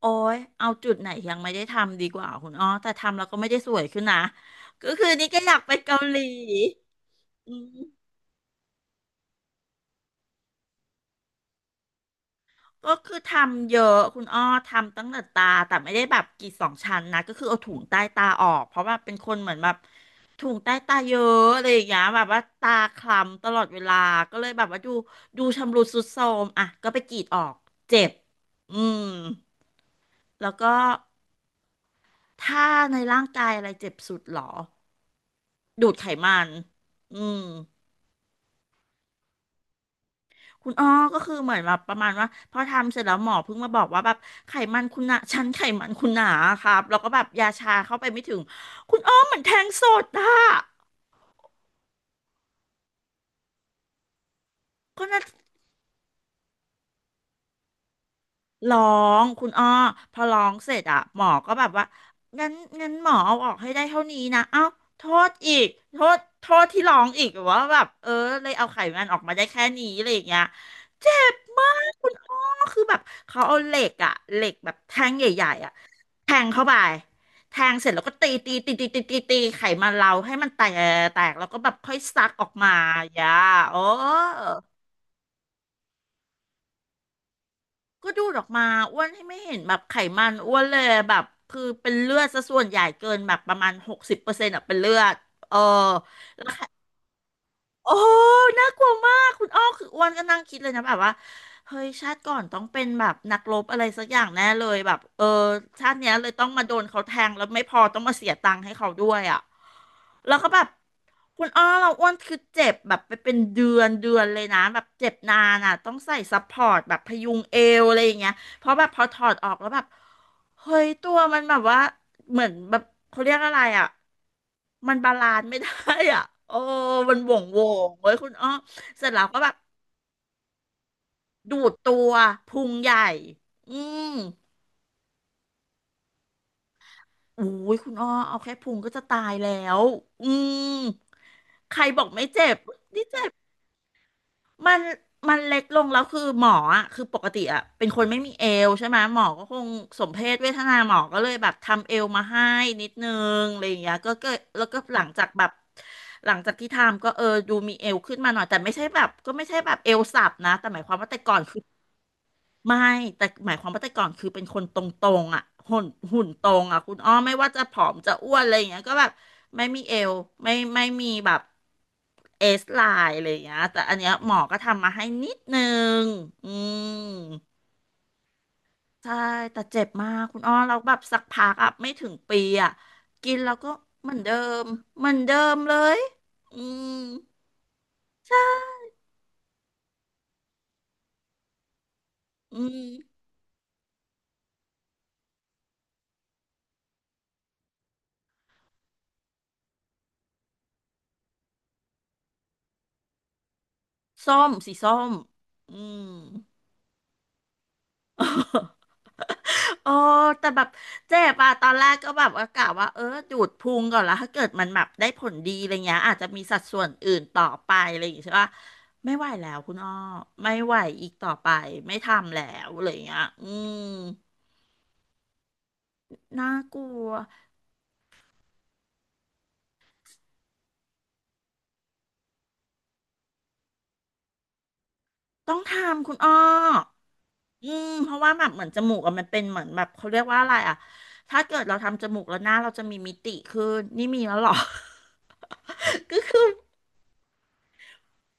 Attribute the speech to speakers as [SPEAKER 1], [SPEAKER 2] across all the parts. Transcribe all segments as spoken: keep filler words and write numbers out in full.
[SPEAKER 1] โอ้ยเอาจุดไหนยังไม่ได้ทำดีกว่าคุณอ้อแต่ทำแล้วก็ไม่ได้สวยขึ้นนะก็คือนี่ก็อยากไปเกาหลีอืมก็คือทำเยอะคุณอ้อทำตั้งแต่ตา แต่ไม่ได้แบบกรีดสองชั้นนะก็คือเอาถุงใต้ตาออกเพราะว่าเป็นคนเหมือนแบบถุงใต้ตาเยอะอะไรอย่างเงี้ยแบบว่าตาคล้ำตลอดเวลาก็เลยแบบว่าดูดูชำรุดทรุดโทรมอ่ะก็ไปกรีดออกเจ็บ อืมแล้วก็ถ้าในร่างกายอะไรเจ็บสุดหรอ ดูดไขมัน อืมคุณอ้อก็คือเหมือนแบบประมาณว่าพอทำเสร็จแล้วหมอเพิ่งมาบอกว่าแบบไขมันคุณหนาชั้นไขมันคุณหนาครับแล้วก็แบบยาชาเข้าไปไม่ถึง คุณอ้อเหมือนแทงสดอะก็น่า ร้องคุณอ้อพอร้องเสร็จอะหมอก็แบบว่างั้นงั้นหมอเอาออกให้ได้เท่านี้นะเอ้าโทษอีกโทษโทษที่ร้องอีกว่าแบบเออเลยเอาไขมันออกมาได้แค่นี้อะไรอย่างเงี้ยเจ็บมากคุณอ้อคือแบบเขาเอาเหล็กอะเหล็กแบบแท่งใหญ่ๆอะแทงเข้าไปแทงเสร็จแล้วก็ตีตีตีตีตีตีตีไขมันเราให้มันแตกแตกแล้วก็แบบค่อยซักออกมาอย่าโอ้ ก็ดูดออกมาอ้วนให้ไม่เห็นแบบไขมันอ้วนเลยแบบคือเป็นเลือดซะส่วนใหญ่เกินแบบประมาณหกสิบเปอร์เซ็นต์อะเป็นเลือดเออโอ้น่ากลัวมากคุณอ้อคืออ้วนก็นั่งคิดเลยนะแบบว่าเฮ้ยชาติก่อนต้องเป็นแบบนักรบอะไรสักอย่างแน่เลยแบบเออชาติเนี้ยเลยต้องมาโดนเขาแทงแล้วไม่พอต้องมาเสียตังค์ให้เขาด้วยอ่ะแล้วก็แบบคุณอ้อเราอ้วนคือเจ็บแบบไปเป็นเดือนเดือนเลยนะแบบเจ็บนานอ่ะต้องใส่ซัพพอร์ตแบบพยุงเอวอะไรอย่างเงี้ย เพราะแบบพอถอดออกแล้วแบบเฮ้ยตัวมันแบบว่าเหมือนแบบเขาเรียกอะไรอ่ะมันบาลานซ์ไม่ได้อ่ะ โอ้มันโหว่งโหว่งเว้ยคุณอ้อเสร็จแล้วก็แบบดูดตัวพุงใหญ่อืมอุ้ยคุณอ้อเอาแค่พุงก็จะตายแล้วอืมใครบอกไม่เจ็บนี่เจ็บ มันมันเล็กลงแล้วคือหมออ่ะคือปกติอ่ะเป็นคนไม่มีเอวใช่ไหมหมอก็คงสมเพศเวทนาหมอก็เลยแบบทำเอวมาให้นิดนึงอะไรอย่างเงี้ยก็ก็แล้วก็หลังจากแบบหลังจากที่ทำก็เออดูมีเอวขึ้นมาหน่อยแต่ไม่ใช่แบบก็ไม่ใช่แบบเอวสับนะแต่หมายความว่าแต่ก่อนคือ ไม่แต่หมายความว่าแต่ก่อนคือเป็นคนตรงๆอ่ะหุ่นหุ่นตรงอ่ะคุณอ้อไม่ว่าจะผอมจะอ้วนอะไรอย่างเงี้ยก็แบบไม่มีเอวไม่ไม่มีแบบเอสไลน์อะไรอย่างเงี้ยแต่อันเนี้ยหมอก็ทำมาให้นิดนึงอืมใช่แต่เจ็บมากคุณอ้อเราแล้วแบบสักพักอ่ะไม่ถึงปีอ่ะกินแล้วก็เหมือนเดิมเหมือนเดิมเลยอืมอืมส้มสีส้มอืม โอ้ แต่แบบเจ็บอะตอนแรกก็แบบว่ากะว่าเออดูดพุงก่อนแล้วถ้าเกิดมันแบบได้ผลดีอะไรเงี้ยอาจจะมีสัดส่วนอื่นต่อไปอะไรอย่างเงี้ยใช่ปะไม่ไหวแล้วคุณอ้อไม่ไหวอีกต่อไปไม่ทำแล้วอะไรเงี้ยอืมน่ากลัวต้องทำคุณอ้ออืมเพราะว่าแบบเหมือนจมูกอะมันเป็นเหมือนแบบเขาเรียกว่าอะไรอะถ้าเกิดเราทำจมูกแล้วหน้าเราจะมีมิติขึ้นนี่มีแล้วเหรอ ก็คือ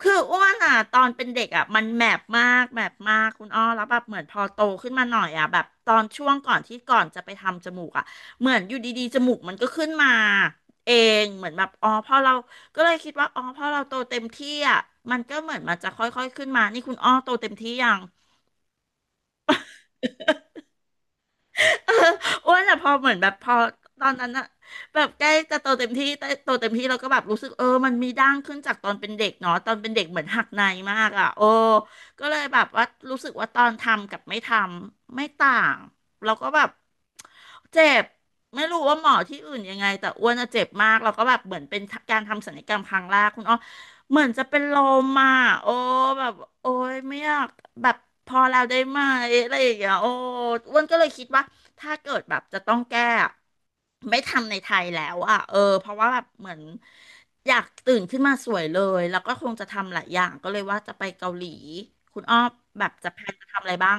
[SPEAKER 1] คืออ้วนอ่ะตอนเป็นเด็กอ่ะมันแมบมากแมบมากคุณอ้อแล้วแบบเหมือนพอโตขึ้นมาหน่อยอ่ะแบบตอนช่วงก่อนที่ก่อนจะไปทำจมูกอ่ะเหมือนอยู่ดีๆจมูกมันก็ขึ้นมาเองเหมือนแบบอ๋อพอเราก็เลยคิดว่าอ๋อพอเราโตเต็มที่อ่ะมันก็เหมือนมันจะค่อยๆขึ้นมานี่คุณอ้อโตเต็มที่ยัง เอออ้วนอะพอเหมือนแบบพอตอนนั้นอะแบบใกล้จะโตเต็มที่แต่โตเต็มที่เราก็แบบรู้สึกเออมันมีด่างขึ้นจากตอนเป็นเด็กเนาะตอนเป็นเด็กเหมือนหักในมากอะโอ้ก็เลยแบบว่ารู้สึกว่าตอนทำกับไม่ทำไม่ต่างเราก็แบบเจ็บไม่รู้ว่าหมอที่อื่นยังไงแต่อ้วนอะเจ็บมากเราก็แบบเหมือนเป็นการทำศัลยกรรมครั้งแรกคุณอ้อเหมือนจะเป็นลมอ่ะโอ้แบบโอ้ยไม่อยากแบบพอแล้วได้ไหมอะไรอย่างเงี้ยโอ้อ้วนก็เลยคิดว่า ถ้าเกิดแบบจะต้องแก้อะไม่ทำในไทยแล้วอ่ะเออเพราะว่าแบบเหมือนอยากตื่นขึ้นมาสวยเลยแล้วก็คงจะทำหลายอย่างก็เลยว่าจะไปเกาหลีคุณอ้อแบบจะแพลนจะทำอะไรบ้าง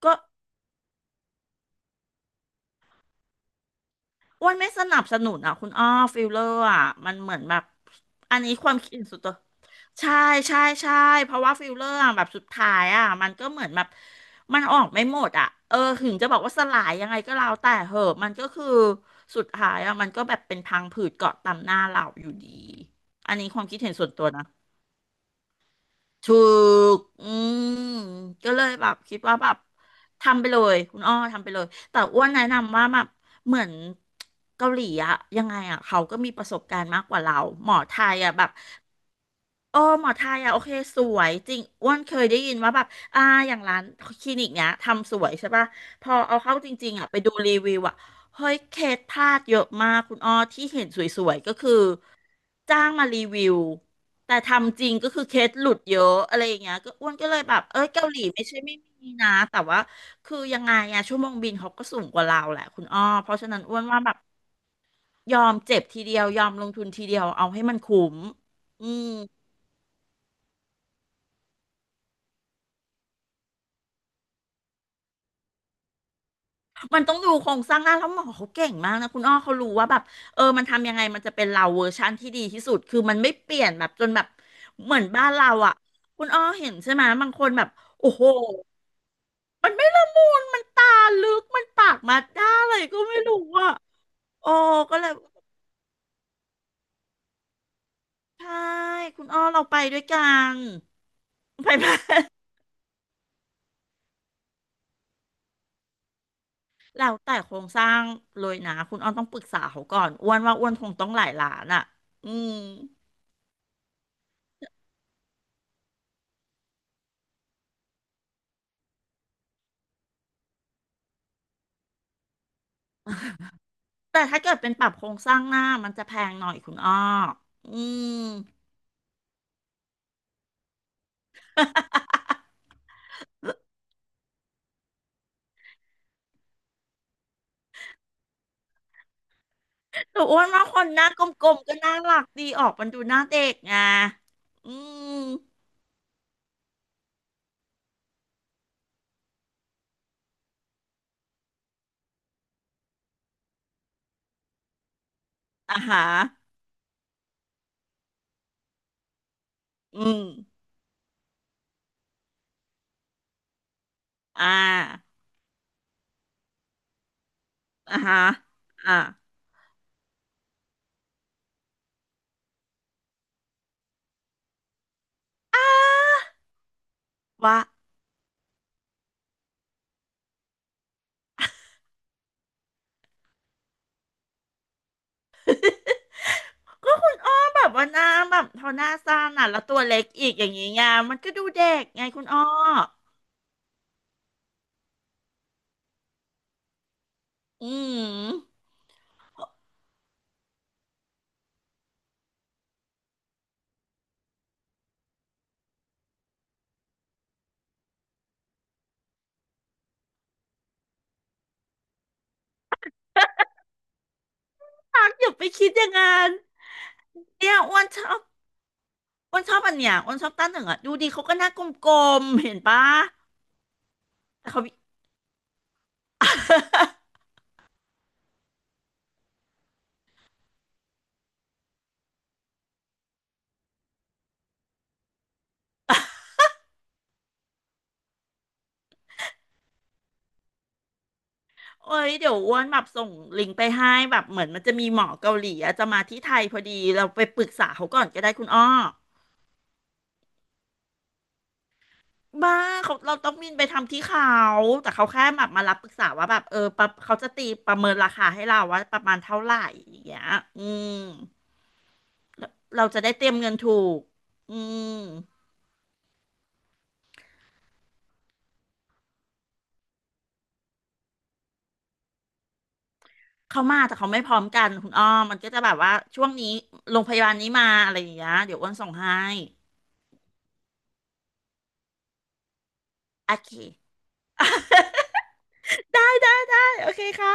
[SPEAKER 1] ก็อ้วนไม่สนับสนุนอ่ะคุณอ้อฟิลเลอร์อ่ะมันเหมือนแบบอันนี้ความคิดส่วนตัว ใช่ใช่ใช่เพราะว่าฟิลเลอร์อะแบบสุดท้ายอ่ะมันก็เหมือนแบบมันออกไม่หมดอ่ะเออถึงจะบอกว่าสลายยังไงก็แล้วแต่เหอะมันก็คือสุดท้ายอ่ะมันก็แบบเป็นพังผืดเกาะตามหน้าเราอยู่ดีอันนี้ความคิดเห็นส่วนตัวนะถูกอืมก็เลยแบบคิดว่าแบบทำไปเลยคุณอ้อทำไปเลยแต่อ้วนแนะนำว่าแบบเหมือนเกาหลีอะยังไงอะเขาก็มีประสบการณ์มากกว่าเราหมอไทยอะแบบ โอ้หมอไทยอ่ะโอเคสวยจริงอ้วนเคยได้ยินว่าแบบอ่าอย่างร้านคลินิกเนี้ยทำสวยใช่ป่ะพอเอาเข้าจริงๆอ่ะไปดูรีวิวอ่ะเฮ้ยเคสพลาดเยอะมากคุณอ้อที่เห็นสวยๆก็คือจ้างมารีวิวแต่ทำจริงก็คือเคสหลุดเยอะอะไรอย่างเงี้ยก็อ้วนก็เลยแบบเอ้ยเกาหลีไม่ใช่ไม่มีนะแต่ว่าคือยังไงอ่ะชั่วโมงบินเขาก็สูงกว่าเราแหละคุณอ้อเพราะฉะนั้นอ้วนว่าแบบยอมเจ็บทีเดียวยอมลงทุนทีเดียวเอาให้มันคุ้มอืม มันต้องดูโครงสร้างหน้าแล้วหมอเขาเก่งมากนะคุณอ้อเขารู้ว่าแบบเออมันทำยังไงมันจะเป็นเราเวอร์ชันที่ดีที่สุดคือมันไม่เปลี่ยนแบบจนแบบเหมือนบ้านเราอ่ะคุณอ้อเห็นใช่ไหมบางคนแบบโอ้โหมันไม่ละมุนมันตาลึกมันปากมาด้าอะไรก็ไม่รู้อ่ะโอ้ก็เลยใช่คุณอ้อเราไปด้วยกันไปไหมแล้วแต่โครงสร้างเลยนะคุณอ้อนต้องปรึกษาเขาก่อนอ้วนว่าอ้วนคงต้องหลายล้านอ่ะอืม แต่ถ้าเกิดเป็นปรับโครงสร้างหน้ามันจะแพงหน่อยคุณอ้ออืมแต่อ้วนว่าคนหน้ากลมๆก็น่ารักดีออกมันดูหน้าเด็กไงอืมอ่าฮะอืมอ่าอ่าฮะอ่าว่าก็คุณอ้อแบบว่าหน้าแบบเท่าหน้าสั้นอ่ะแล้วตัวเล็กอีกอย่างนี้ไงมันก็ดูเด็กไงคุณอ้ออืมรักอย่าไปคิดอย่างนั้นเนี่ยอ้วนชอบอ้วนชอบอันเนี้ยอ้วนชอบต้าเหนึ่งอ่ะดูดีเขาก็หน้ากลมๆเห็นปะแต่เขา โอ้ยเดี๋ยวอ้วนแบบส่งลิงก์ไปให้แบบเหมือนมันจะมีหมอเกาหลีอะจะมาที่ไทยพอดีเราไปปรึกษาเขาก่อนก็ได้คุณอ้อบ้าเขาเราต้องบินไปทำที่เขาแต่เขาแค่แบบมารับปรึกษาว่าแบบเออปะเขาจะตีประเมินราคาให้เราว่าประมาณเท่าไหร่อย่างเงี้ยอืมเราจะได้เตรียมเงินถูกอืมเขามาแต่เขาไม่พร้อมกันคุณอ้อมมันก็จะแบบว่าช่วงนี้โรงพยาบาลนี้มาอะไรอย่างเงี้ยเดี๋ยวอ้วนส่งให้โอเค ได้ได้ได้โอเคค่ะ